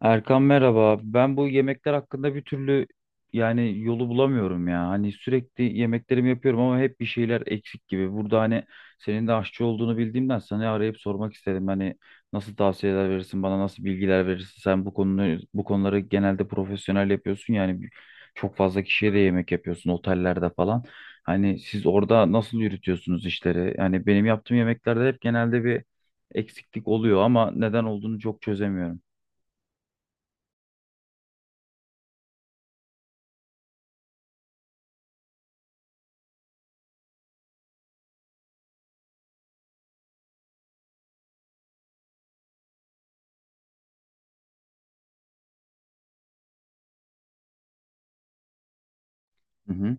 Erkan merhaba. Ben bu yemekler hakkında bir türlü yani yolu bulamıyorum ya. Hani sürekli yemeklerimi yapıyorum ama hep bir şeyler eksik gibi. Burada hani senin de aşçı olduğunu bildiğimden sana arayıp sormak istedim. Hani nasıl tavsiyeler verirsin bana, nasıl bilgiler verirsin? Sen bu konuları genelde profesyonel yapıyorsun yani çok fazla kişiye de yemek yapıyorsun otellerde falan. Hani siz orada nasıl yürütüyorsunuz işleri? Yani benim yaptığım yemeklerde hep genelde bir eksiklik oluyor ama neden olduğunu çok çözemiyorum. Hı hı.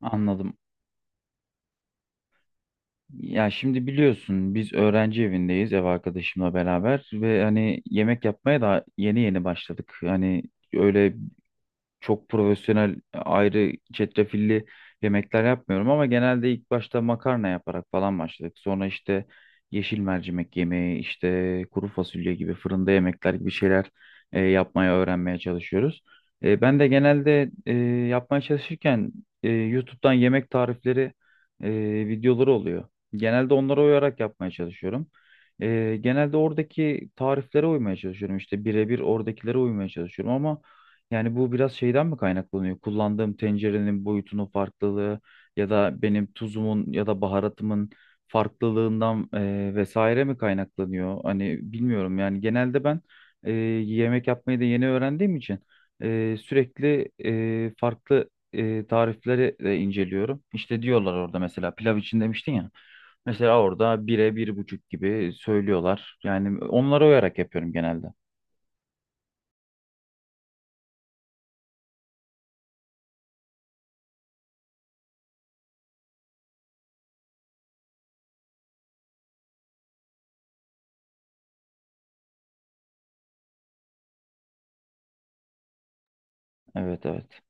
Anladım. Ya şimdi biliyorsun biz öğrenci evindeyiz, ev arkadaşımla beraber ve hani yemek yapmaya da yeni yeni başladık. Hani öyle çok profesyonel ayrı çetrefilli yemekler yapmıyorum ama genelde ilk başta makarna yaparak falan başladık. Sonra işte yeşil mercimek yemeği, işte kuru fasulye gibi fırında yemekler gibi şeyler yapmaya öğrenmeye çalışıyoruz. Ben de genelde yapmaya çalışırken YouTube'dan yemek tarifleri e, videoları oluyor. Genelde onlara uyarak yapmaya çalışıyorum. Genelde oradaki tariflere uymaya çalışıyorum. İşte birebir oradakilere uymaya çalışıyorum ama yani bu biraz şeyden mi kaynaklanıyor? Kullandığım tencerenin boyutunun farklılığı ya da benim tuzumun ya da baharatımın farklılığından vesaire mi kaynaklanıyor? Hani bilmiyorum yani genelde ben yemek yapmayı da yeni öğrendiğim için sürekli farklı tarifleri de inceliyorum. İşte diyorlar orada, mesela pilav için demiştin ya. Mesela orada 1'e 1,5 gibi söylüyorlar. Yani onlara uyarak yapıyorum genelde. Evet, evet.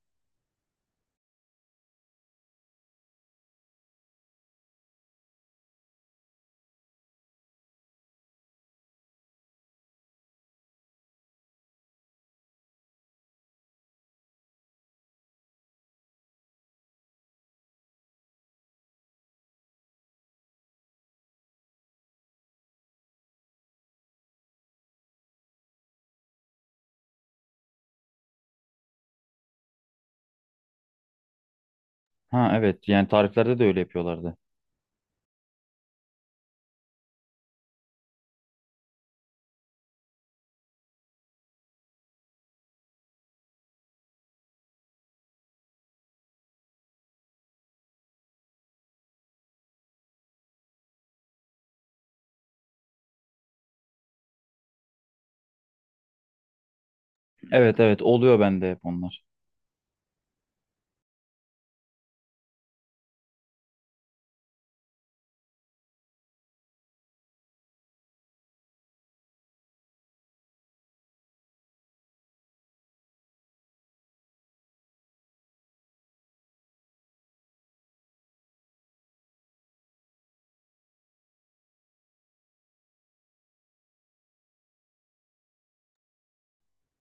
Ha evet, yani tariflerde de öyle yapıyorlardı. Evet, evet, oluyor bende hep onlar.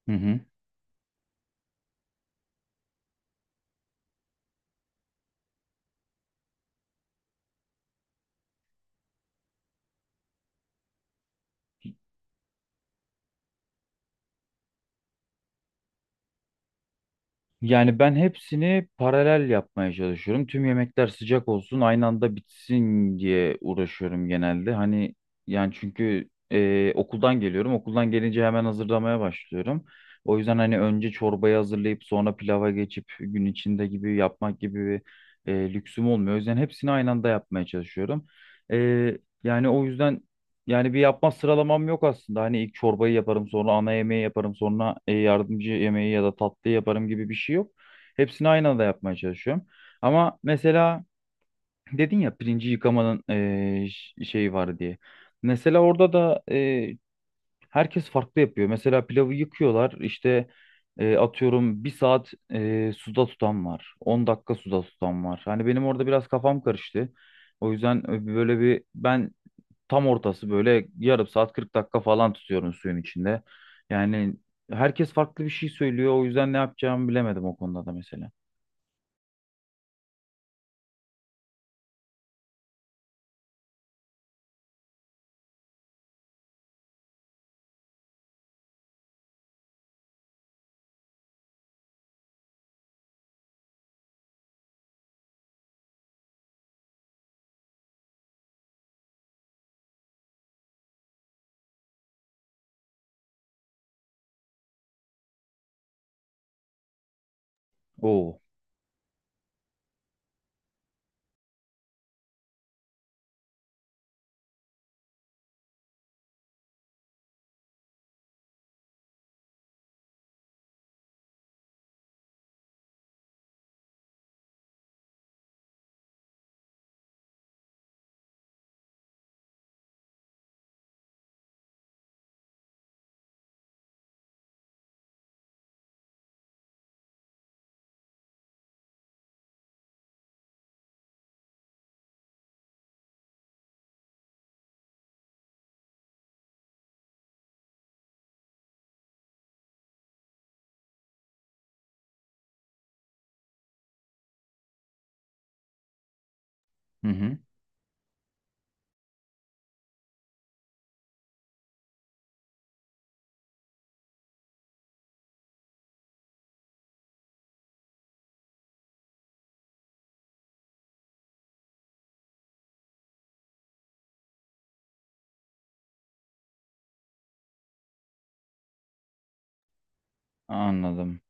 Hı hı. Yani ben hepsini paralel yapmaya çalışıyorum. Tüm yemekler sıcak olsun, aynı anda bitsin diye uğraşıyorum genelde. Hani yani çünkü okuldan geliyorum. Okuldan gelince hemen hazırlamaya başlıyorum. O yüzden hani önce çorbayı hazırlayıp sonra pilava geçip gün içinde gibi yapmak gibi bir lüksüm olmuyor. O yüzden hepsini aynı anda yapmaya çalışıyorum. E, yani o yüzden yani bir yapma sıralamam yok aslında. Hani ilk çorbayı yaparım, sonra ana yemeği yaparım, sonra yardımcı yemeği ya da tatlı yaparım gibi bir şey yok. Hepsini aynı anda yapmaya çalışıyorum. Ama mesela dedin ya pirinci yıkamanın şeyi var diye. Mesela orada da herkes farklı yapıyor. Mesela pilavı yıkıyorlar işte, atıyorum, bir saat suda tutan var. 10 dakika suda tutan var. Hani benim orada biraz kafam karıştı. O yüzden böyle bir ben tam ortası böyle yarım saat 40 dakika falan tutuyorum suyun içinde. Yani herkes farklı bir şey söylüyor. O yüzden ne yapacağımı bilemedim o konuda da mesela. Oo. Hı hı. Anladım.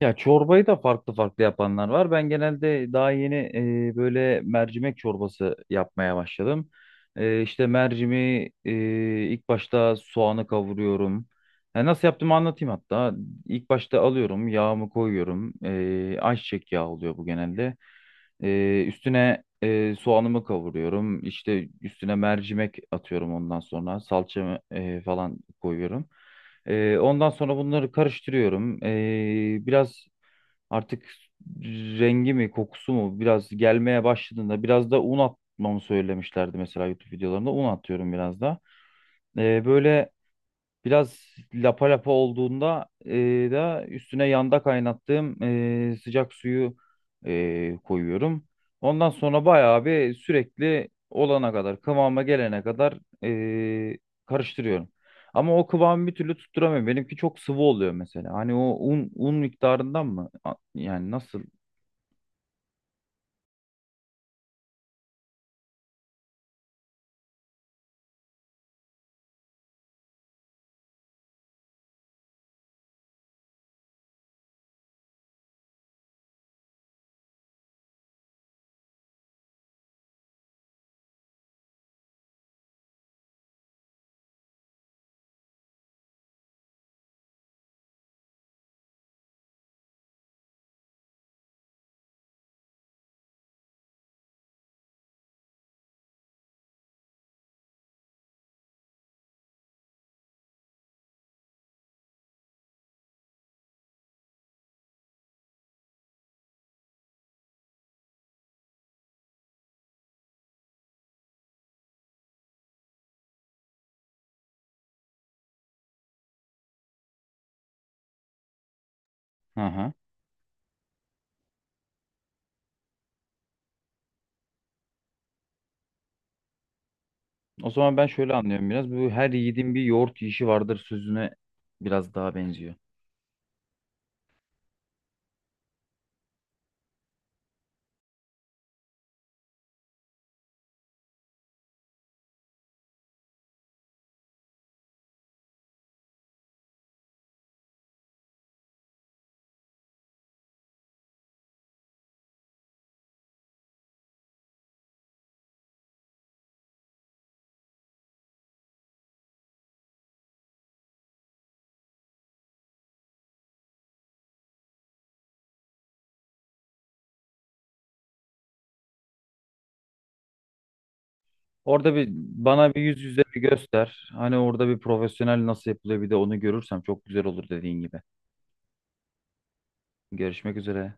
Ya çorbayı da farklı farklı yapanlar var. Ben genelde daha yeni böyle mercimek çorbası yapmaya başladım. İşte ilk başta soğanı kavuruyorum. Nasıl yaptığımı anlatayım hatta. İlk başta alıyorum, yağımı koyuyorum. Ayçiçek yağı oluyor bu genelde. Üstüne soğanımı kavuruyorum. İşte üstüne mercimek atıyorum ondan sonra. Salçamı falan koyuyorum. Ondan sonra bunları karıştırıyorum. Biraz artık rengi mi kokusu mu biraz gelmeye başladığında biraz da un atmamı söylemişlerdi, mesela YouTube videolarında. Un atıyorum biraz da. Böyle biraz lapa lapa olduğunda da üstüne yanda kaynattığım sıcak suyu koyuyorum. Ondan sonra bayağı bir, sürekli olana kadar, kıvama gelene kadar e, karıştırıyorum. Ama o kıvamı bir türlü tutturamıyorum. Benimki çok sıvı oluyor mesela. Hani o un miktarından mı? Yani nasıl? Hı hı. O zaman ben şöyle anlıyorum biraz. Bu, her yiğidin bir yoğurt yiyişi vardır sözüne biraz daha benziyor. Orada bir bana bir yüz yüze bir göster. Hani orada bir profesyonel nasıl yapılıyor, bir de onu görürsem çok güzel olur, dediğin gibi. Görüşmek üzere.